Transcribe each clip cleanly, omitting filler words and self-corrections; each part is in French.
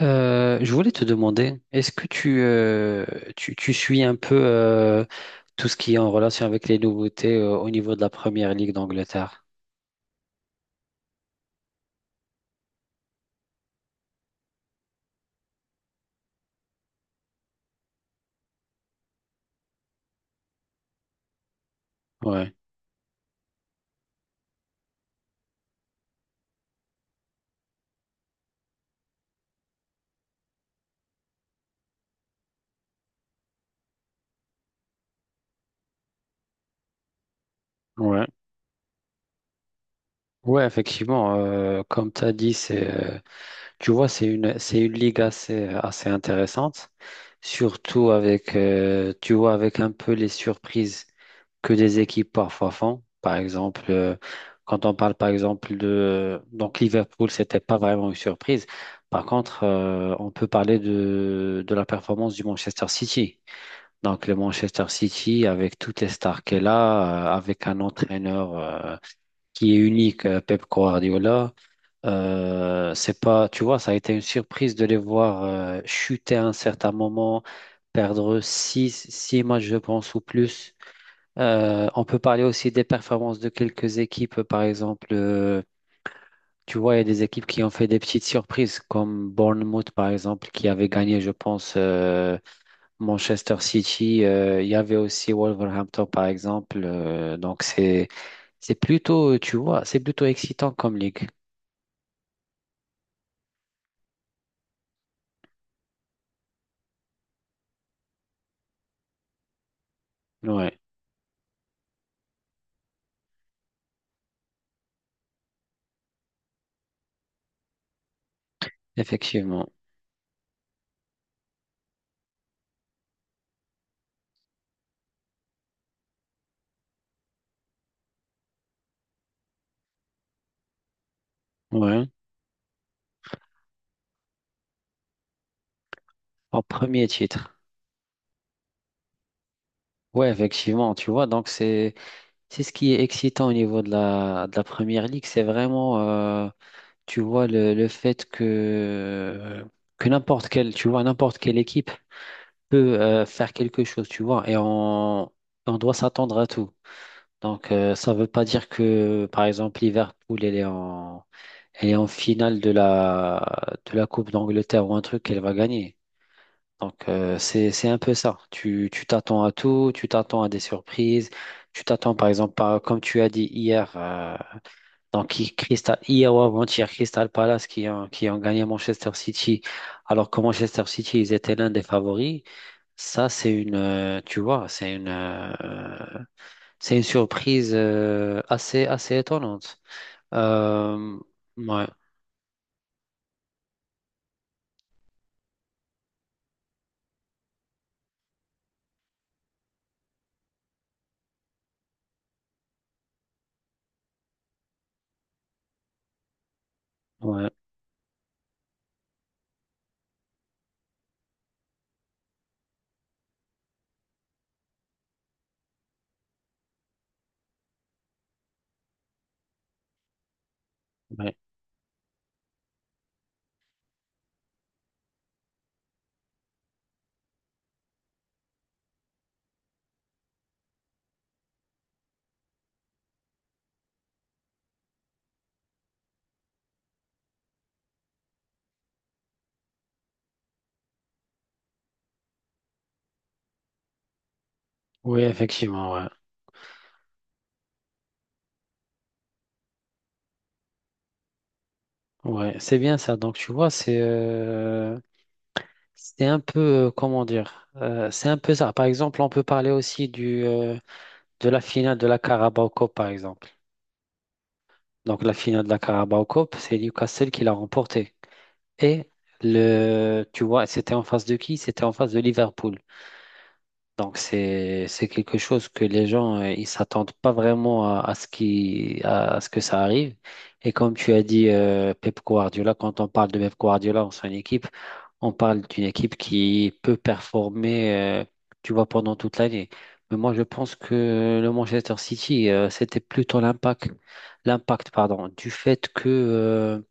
Je voulais te demander, est-ce que tu suis un peu tout ce qui est en relation avec les nouveautés au niveau de la Première Ligue d'Angleterre? Ouais, ouais. Ouais, effectivement, comme tu as dit, c'est, tu vois, c'est une ligue assez intéressante, surtout avec, tu vois, avec un peu les surprises que des équipes parfois font. Par exemple, quand on parle par exemple de... Donc Liverpool, c'était pas vraiment une surprise. Par contre, on peut parler de la performance du Manchester City. Donc le Manchester City, avec toutes les stars qu'elle a, avec un entraîneur qui est unique, Pep Guardiola. C'est pas, tu vois, ça a été une surprise de les voir chuter à un certain moment, perdre six matchs, je pense, ou plus. On peut parler aussi des performances de quelques équipes, par exemple. Tu vois, il y a des équipes qui ont fait des petites surprises, comme Bournemouth, par exemple, qui avait gagné, je pense, Manchester City. Il y avait aussi Wolverhampton, par exemple. Donc, c'est plutôt, tu vois, c'est plutôt excitant comme ligue. Ouais, effectivement. Ouais. En premier titre. Ouais, effectivement, tu vois, donc c'est ce qui est excitant au niveau de la première ligue, c'est vraiment tu vois le fait que n'importe quelle tu vois n'importe quelle équipe peut faire quelque chose, tu vois, et on doit s'attendre à tout. Donc ça veut pas dire que par exemple Liverpool elle est en finale de la Coupe d'Angleterre ou un truc qu'elle va gagner. Donc, c'est un peu ça. Tu t'attends à tout, tu t'attends à des surprises, tu t'attends par exemple, comme tu as dit hier, donc Crystal, hier ou avant-hier, Crystal Palace qui ont gagné Manchester City, alors que Manchester City, ils étaient l'un des favoris. Ça, c'est une, tu vois, c'est une surprise assez étonnante. Euh, ouais, ouais, ouais. Oui, effectivement, ouais. Ouais, c'est bien ça. Donc, tu vois, c'est un peu, comment dire, c'est un peu ça. Par exemple, on peut parler aussi de la finale de la Carabao Cup, par exemple. Donc, la finale de la Carabao Cup, c'est Newcastle qui l'a remportée. Et, Tu vois, c'était en face de qui? C'était en face de Liverpool. Donc c'est quelque chose que les gens ils s'attendent pas vraiment à ce que ça arrive. Et comme tu as dit Pep Guardiola, quand on parle de Pep Guardiola en son équipe, on parle d'une équipe qui peut performer euh, tu vois pendant toute l'année. Mais moi je pense que le Manchester City c'était plutôt l'impact pardon du fait que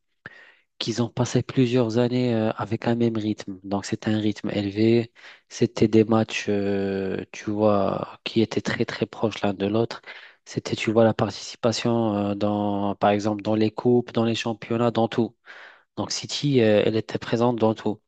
qu'ils ont passé plusieurs années avec un même rythme. Donc c'était un rythme élevé, c'était des matchs, tu vois, qui étaient très très proches l'un de l'autre. C'était, tu vois, la participation dans, par exemple, dans les coupes, dans les championnats, dans tout. Donc City, elle était présente dans tout.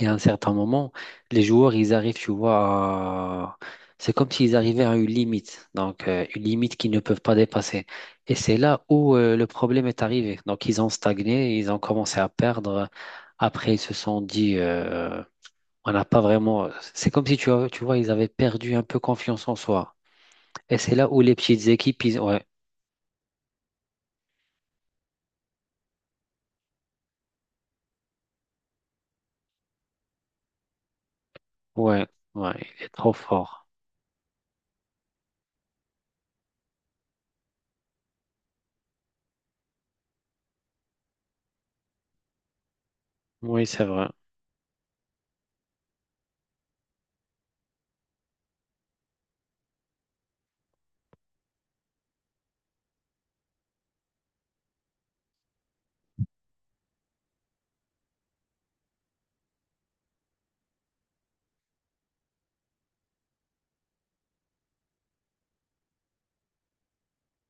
Et à un certain moment, les joueurs, ils arrivent, tu vois, c'est comme s'ils arrivaient à une limite, donc une limite qu'ils ne peuvent pas dépasser. Et c'est là où le problème est arrivé. Donc ils ont stagné, ils ont commencé à perdre. Après, ils se sont dit, on n'a pas vraiment. C'est comme si, tu vois, ils avaient perdu un peu confiance en soi. Et c'est là où les petites équipes, ils... Ouais, ouais, ouais, il est trop fort. Oui, c'est vrai.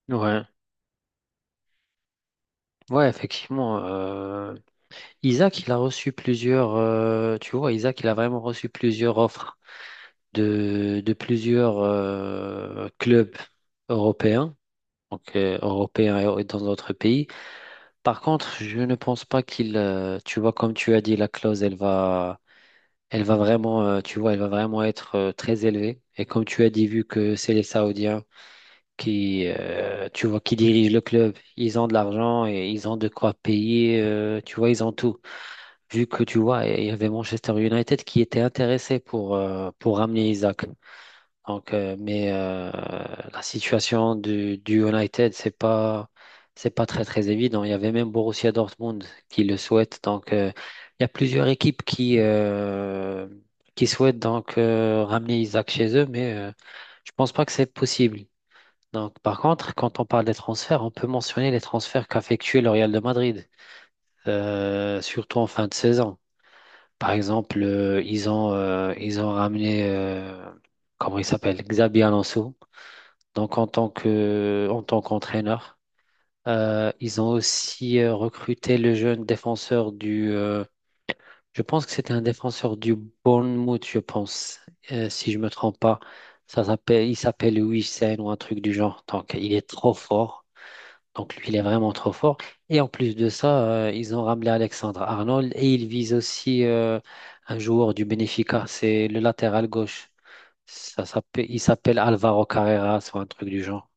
Ouais, ouais, effectivement. Isaac, il a reçu plusieurs, tu vois, Isaac, il a vraiment reçu plusieurs offres de plusieurs clubs européens, donc européens et dans d'autres pays. Par contre, je ne pense pas qu'il, tu vois, comme tu as dit, la clause, elle va vraiment, tu vois, elle va vraiment être très élevée. Et comme tu as dit, vu que c'est les Saoudiens qui, tu vois, qui dirigent le club, ils ont de l'argent et ils ont de quoi payer, tu vois, ils ont tout. Vu que tu vois, il y avait Manchester United qui était intéressé pour ramener Isaac. Donc, mais la situation du United, c'est pas très très évident. Il y avait même Borussia Dortmund qui le souhaite. Donc, il y a plusieurs équipes qui souhaitent donc ramener Isaac chez eux, mais je pense pas que c'est possible. Donc, par contre, quand on parle des transferts, on peut mentionner les transferts qu'a effectué le Real de Madrid, surtout en fin de saison. Par exemple, ils ont ramené, comment il s'appelle, Xabi Alonso. Donc, en tant qu'entraîneur, ils ont aussi recruté le jeune défenseur je pense que c'était un défenseur du Bournemouth, je pense, si je me trompe pas. Il s'appelle Huijsen ou un truc du genre. Donc, il est trop fort. Donc lui, il est vraiment trop fort. Et en plus de ça, ils ont ramené Alexandre Arnold et ils visent aussi un joueur du Benfica, c'est le latéral gauche. Il s'appelle Alvaro Carrera, soit un truc du genre.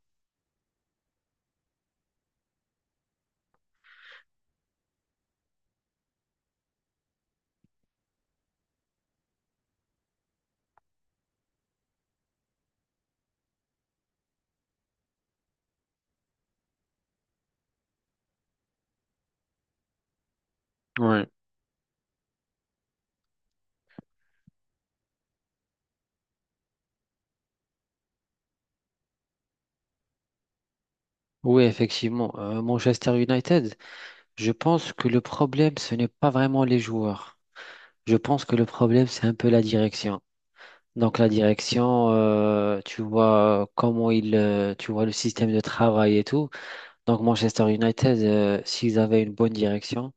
Ouais. Oui, effectivement. Manchester United, je pense que le problème, ce n'est pas vraiment les joueurs. Je pense que le problème, c'est un peu la direction. Donc la direction, tu vois tu vois le système de travail et tout. Donc Manchester United, s'ils avaient une bonne direction,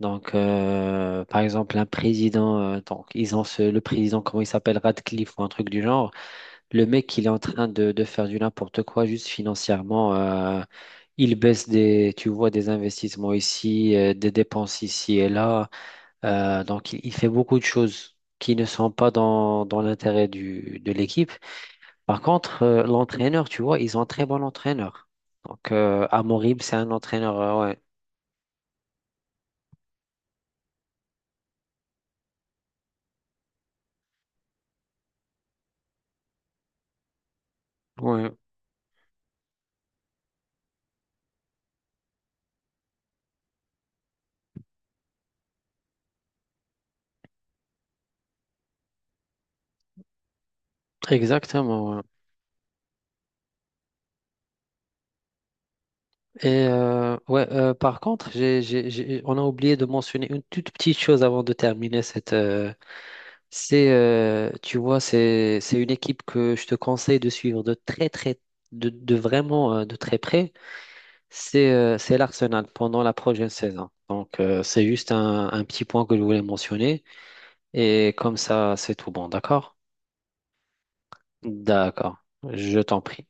donc par exemple un président, donc ils ont le président, comment il s'appelle, Radcliffe ou un truc du genre, le mec il est en train de faire du n'importe quoi juste financièrement, il baisse des, tu vois, des investissements ici, des dépenses ici et là, donc il fait beaucoup de choses qui ne sont pas dans l'intérêt de l'équipe. Par contre, l'entraîneur, tu vois, ils ont un très bon entraîneur. Donc, Amorim, c'est un entraîneur, ouais. Ouais, exactement. Ouais. Et ouais, par contre, on a oublié de mentionner une toute petite chose avant de terminer cette. C'est, tu vois, c'est une équipe que je te conseille de suivre de très, très, de vraiment de très près. C'est l'Arsenal pendant la prochaine saison. Donc, c'est juste un petit point que je voulais mentionner. Et comme ça, c'est tout bon, d'accord? D'accord, je t'en prie.